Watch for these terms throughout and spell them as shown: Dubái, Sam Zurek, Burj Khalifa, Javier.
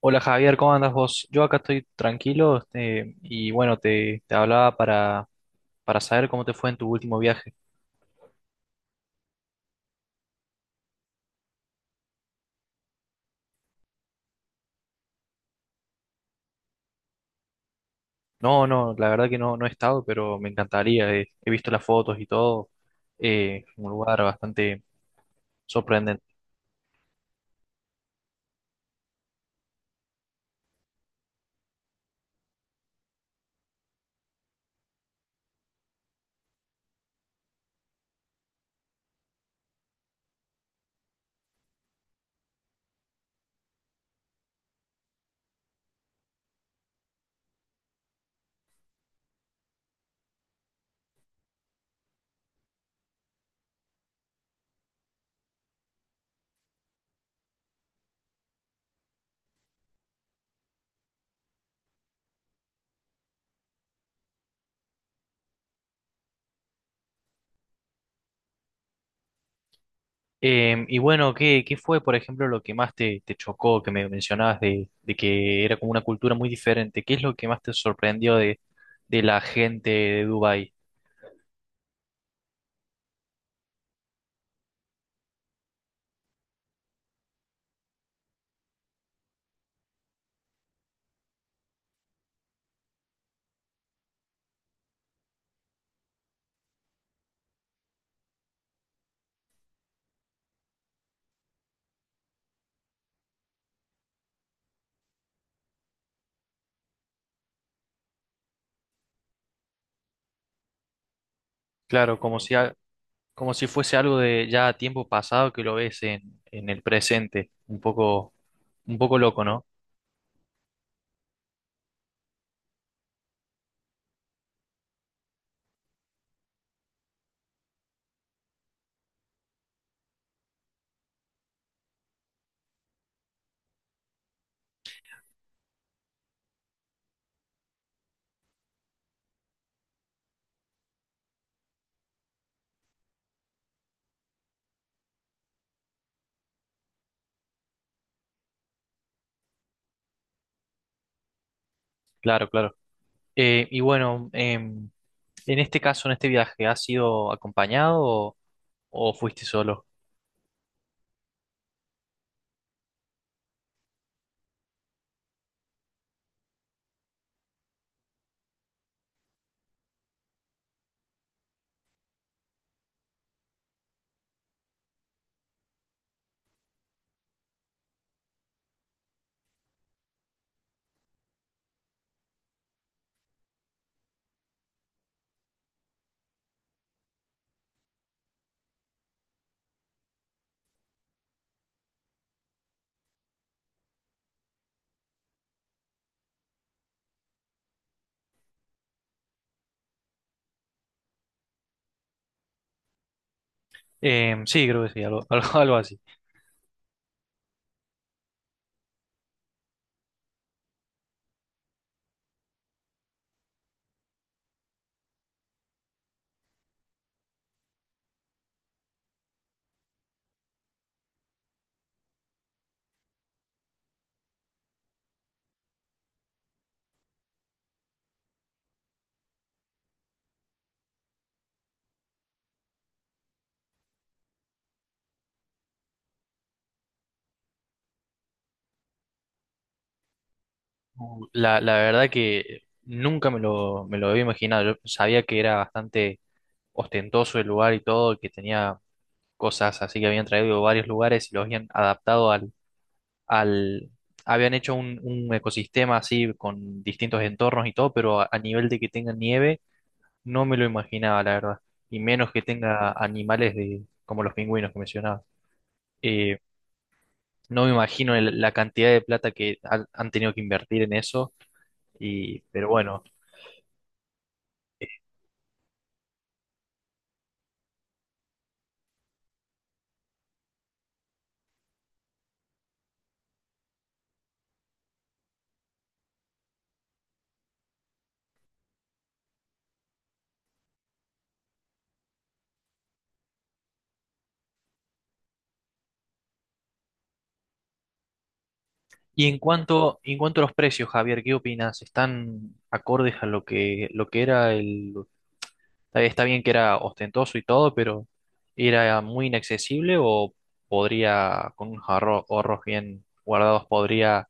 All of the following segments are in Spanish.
Hola Javier, ¿cómo andas vos? Yo acá estoy tranquilo y bueno, te hablaba para saber cómo te fue en tu último viaje. No, la verdad que no he estado, pero me encantaría. He visto las fotos y todo. Un lugar bastante sorprendente. Y bueno, ¿ qué fue, por ejemplo, lo que más te chocó, que me mencionabas de que era como una cultura muy diferente? ¿Qué es lo que más te sorprendió de la gente de Dubái? Claro, como si fuese algo de ya tiempo pasado que lo ves en el presente. Un poco loco, ¿no? Claro, claro. Y bueno, en este caso, en este viaje, ¿has sido acompañado o fuiste solo? Sí, creo que sí, algo, algo, algo así. La verdad que nunca me lo había imaginado. Yo sabía que era bastante ostentoso el lugar y todo, que tenía cosas así que habían traído de varios lugares y los habían adaptado al... Habían hecho un ecosistema así con distintos entornos y todo, pero a nivel de que tenga nieve, no me lo imaginaba, la verdad. Y menos que tenga animales de, como los pingüinos que mencionabas. Eh, no me imagino el- la cantidad de plata que han tenido que invertir en eso, y, pero bueno. Y en cuanto a los precios, Javier, ¿qué opinas? ¿Están acordes a lo que era el, está bien que era ostentoso y todo, pero era muy inaccesible o podría, con unos ahorro- ahorros bien guardados, podría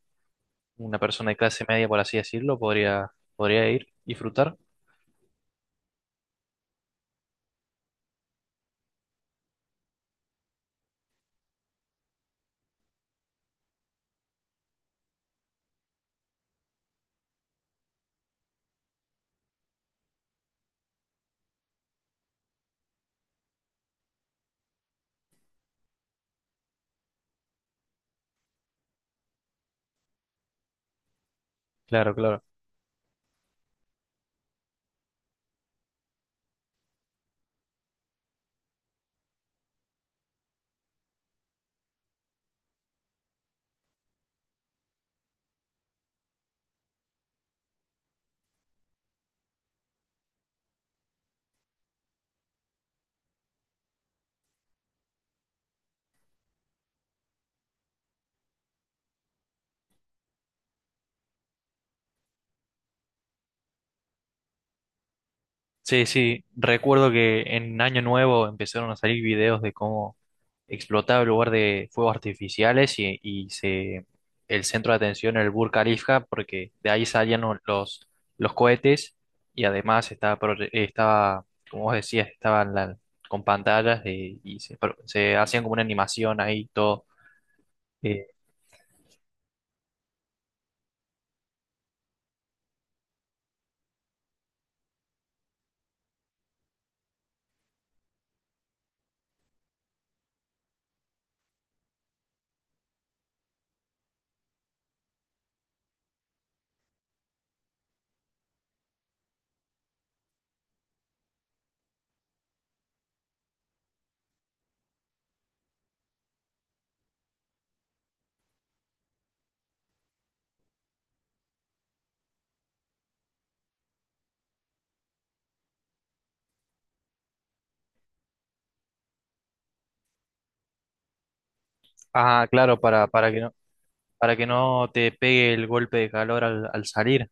una persona de clase media, por así decirlo, podría, podría ir, disfrutar. Claro, claro. Sí, sí, recuerdo que en Año Nuevo empezaron a salir videos de cómo explotaba el lugar de fuegos artificiales y se, el centro de atención era el Burj Khalifa, porque de ahí salían lo- los cohetes y además estaba, pro- estaba, como vos decías, estaban la- con pantallas de- y se, pro- se hacían como una animación ahí todo. eh, ah, claro, para que no te pegue el golpe de calor al salir.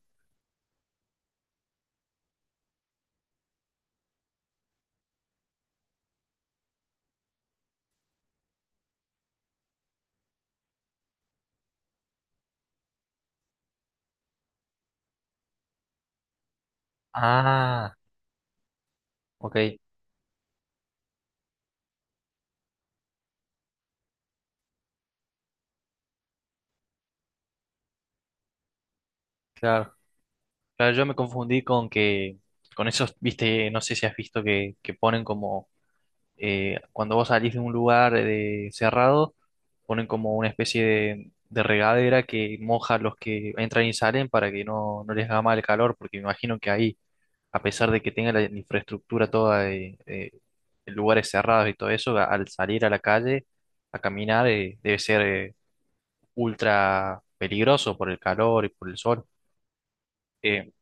Ah, ok, claro. Claro, yo me confundí con esos, viste, no sé si has visto que ponen como, cuando vos salís de un lugar de- cerrado, ponen como una especie de regadera que moja a los que entran y salen para que no, no les haga mal el calor, porque me imagino que ahí, a pesar de que tenga la infraestructura toda de lugares cerrados y todo eso, a- al salir a la calle a caminar, debe ser, ultra peligroso por el calor y por el sol. Eh,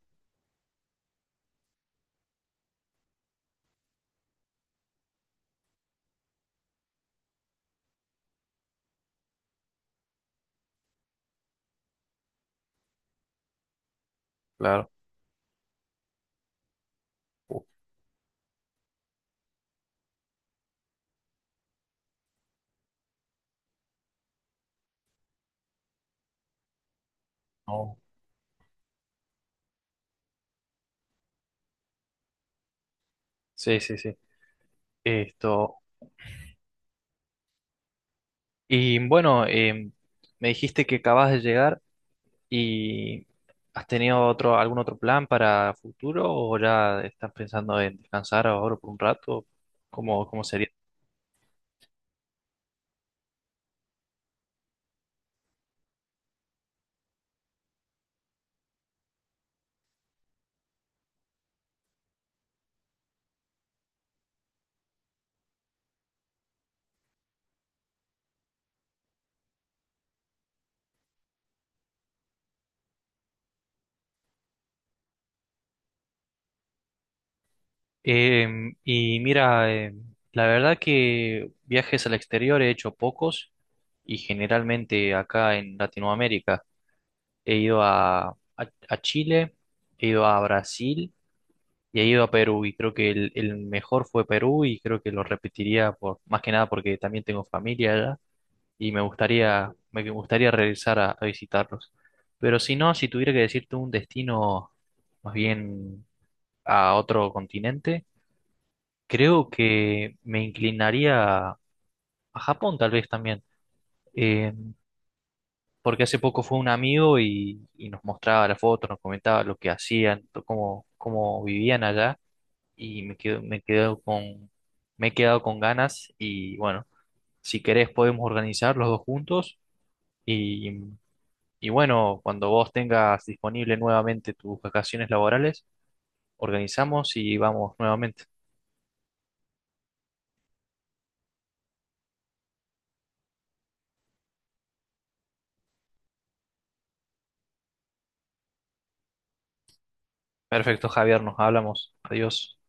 claro. Uh, no. Sí, sí, sí. Esto. Y bueno, me dijiste que acabas de llegar y ¿has tenido otro, algún otro plan para futuro o ya estás pensando en descansar ahora por un rato? ¿ cómo sería? Y mira, la verdad que viajes al exterior he hecho pocos y generalmente acá en Latinoamérica he ido a Chile, he ido a Brasil y he ido a Perú y creo que el mejor fue Perú y creo que lo repetiría por, más que nada porque también tengo familia allá y me gustaría regresar a visitarlos. Pero si no, si tuviera que decirte un destino más bien a otro continente, creo que me inclinaría a Japón tal vez también. Eh, Porque hace poco fue un amigo y nos mostraba las fotos, nos comentaba lo que hacían, to- cómo vivían allá. Y me quedo, me he quedado con ganas y bueno, si querés podemos organizar los dos juntos y, y bueno, cuando vos tengas disponible nuevamente tus vacaciones laborales, organizamos y vamos nuevamente. Perfecto, Javier, nos hablamos. Adiós.